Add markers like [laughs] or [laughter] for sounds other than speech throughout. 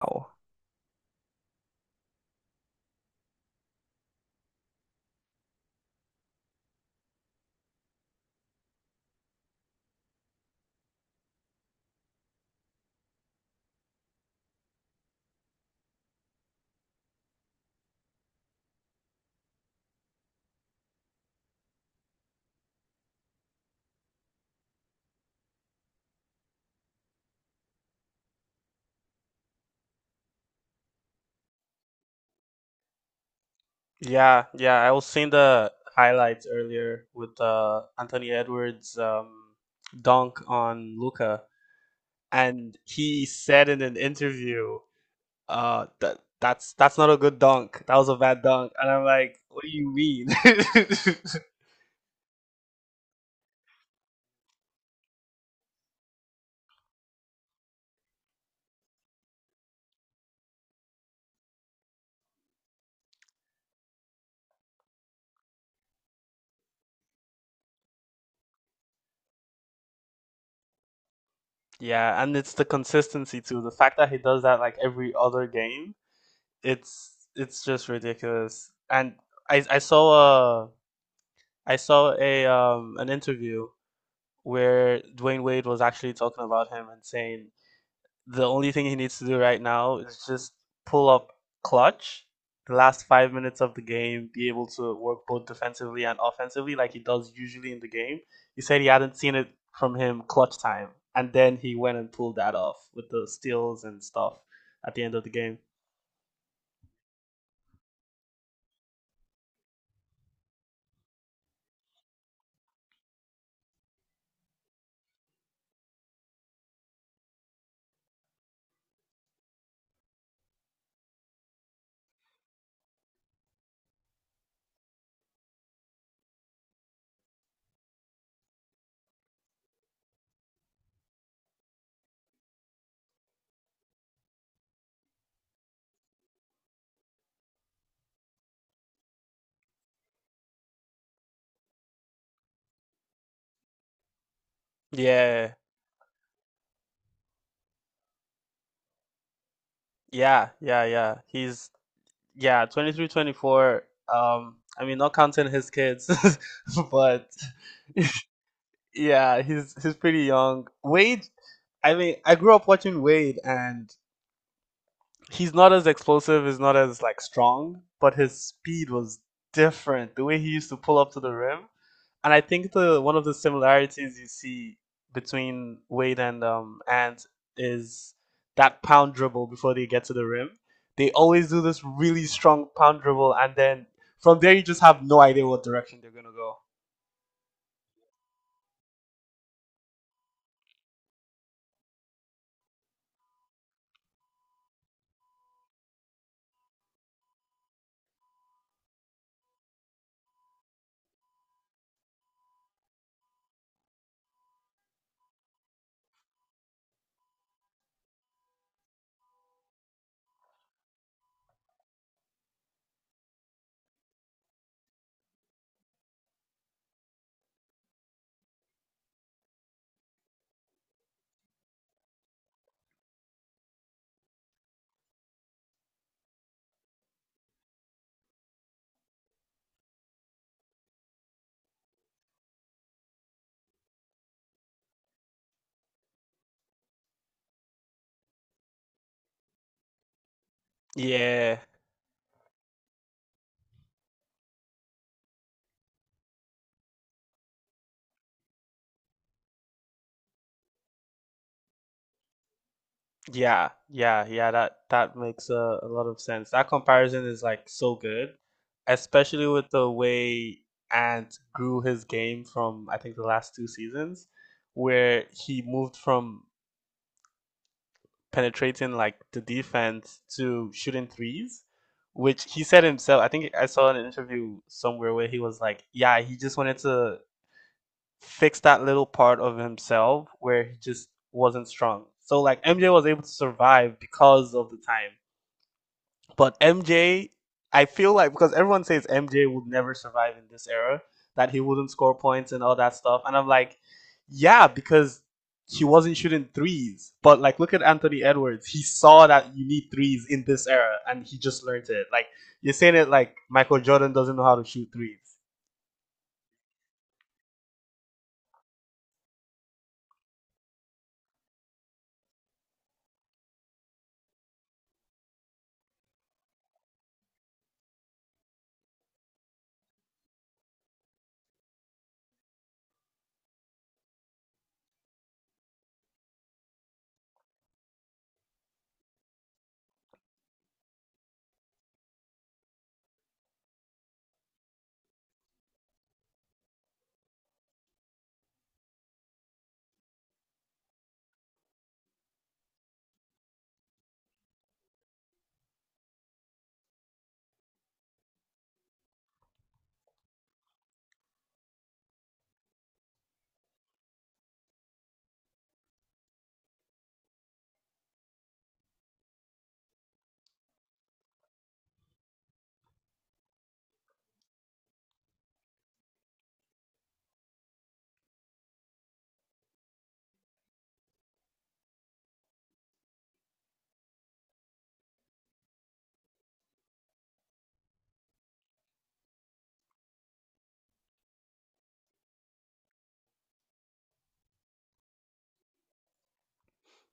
Wow. Yeah, yeah, I was seeing the highlights earlier with Anthony Edwards' dunk on Luca, and he said in an interview, that that's not a good dunk. That was a bad dunk, and I'm like, what do you mean? [laughs] Yeah, and it's the consistency too. The fact that he does that like every other game, it's just ridiculous. And I I saw a I saw a an interview where Dwayne Wade was actually talking about him and saying the only thing he needs to do right now is just pull up clutch the last 5 minutes of the game, be able to work both defensively and offensively like he does usually in the game. He said he hadn't seen it from him clutch time. And then he went and pulled that off with the steals and stuff at the end of the game. Yeah, yeah. He's, yeah, 23, 24. I mean, not counting his kids, [laughs] but yeah, he's pretty young. Wade, I mean, I grew up watching Wade, and he's not as explosive, he's not as like strong, but his speed was different. The way he used to pull up to the rim, and I think the one of the similarities you see between Wade and is that pound dribble before they get to the rim. They always do this really strong pound dribble, and then from there you just have no idea what direction they're gonna go. Yeah, yeah, that makes a lot of sense. That comparison is like so good, especially with the way Ant grew his game from I think the last two seasons, where he moved from penetrating like the defense to shooting threes, which he said himself. I think I saw an interview somewhere where he was like, yeah, he just wanted to fix that little part of himself where he just wasn't strong. So like MJ was able to survive because of the time. But MJ, I feel like because everyone says MJ would never survive in this era, that he wouldn't score points and all that stuff. And I'm like, yeah, because he wasn't shooting threes. But like, look at Anthony Edwards. He saw that you need threes in this era, and he just learned it. Like you're saying it like Michael Jordan doesn't know how to shoot threes.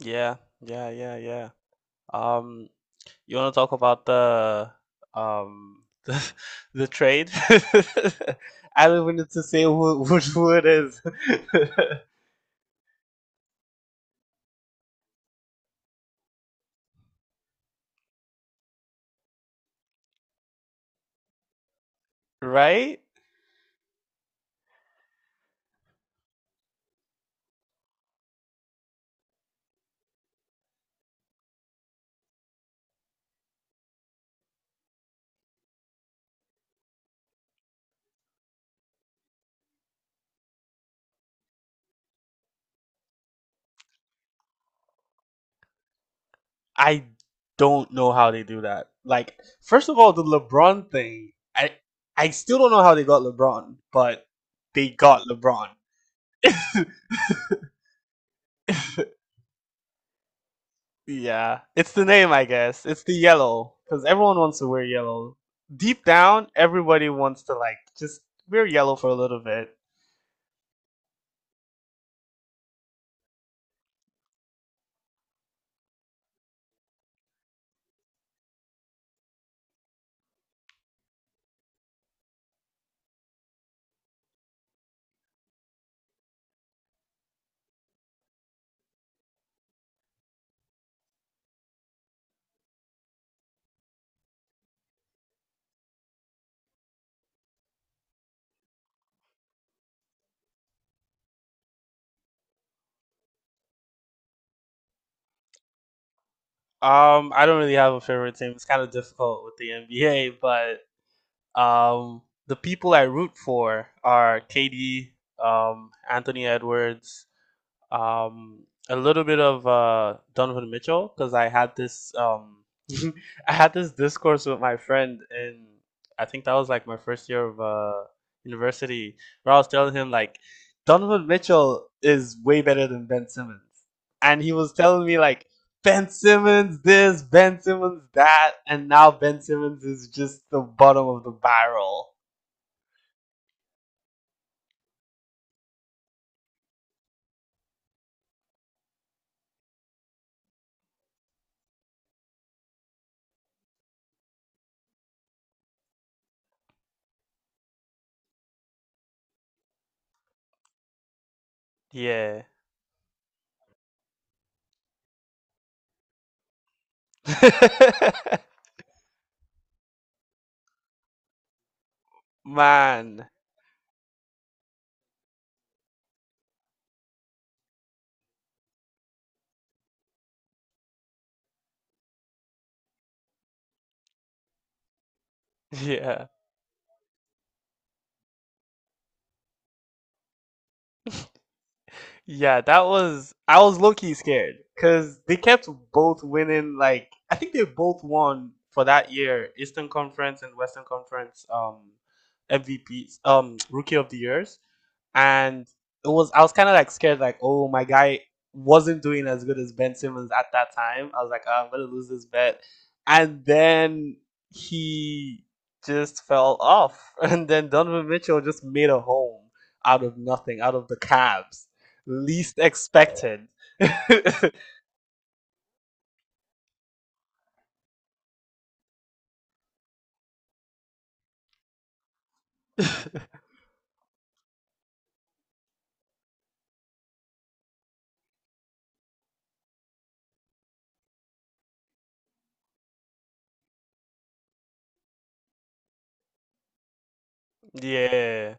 Yeah, yeah. Um, You want to talk about the um [laughs] the, the trade? [laughs] I don't even need to say who, which who it is, [laughs] right? I don't know how they do that. Like, first of all, the LeBron thing. I still don't know how they got LeBron, but they got LeBron. [laughs] Yeah, it's the name, I guess. It's the yellow because everyone wants to wear yellow. Deep down, everybody wants to like just wear yellow for a little bit. I don't really have a favorite team. It's kind of difficult with the NBA, but um, the people I root for are KD, Anthony Edwards, um, a little bit of Donovan Mitchell because I had this [laughs] I had this discourse with my friend, and I think that was like my first year of university, where I was telling him like Donovan Mitchell is way better than Ben Simmons, and he was telling me like Ben Simmons this, Ben Simmons that, and now Ben Simmons is just the bottom of the barrel. Yeah. [laughs] Man. Yeah. Yeah, that was, I was low key scared because they kept both winning. Like I think they both won for that year, Eastern Conference and Western Conference MVPs, Rookie of the Years, and it was, I was kind of like scared, like oh my guy wasn't doing as good as Ben Simmons at that time. I was like, "Ah, I'm gonna lose this bet," and then he just fell off, [laughs] and then Donovan Mitchell just made a home out of nothing, out of the Cavs. Least expected. [laughs] Yeah.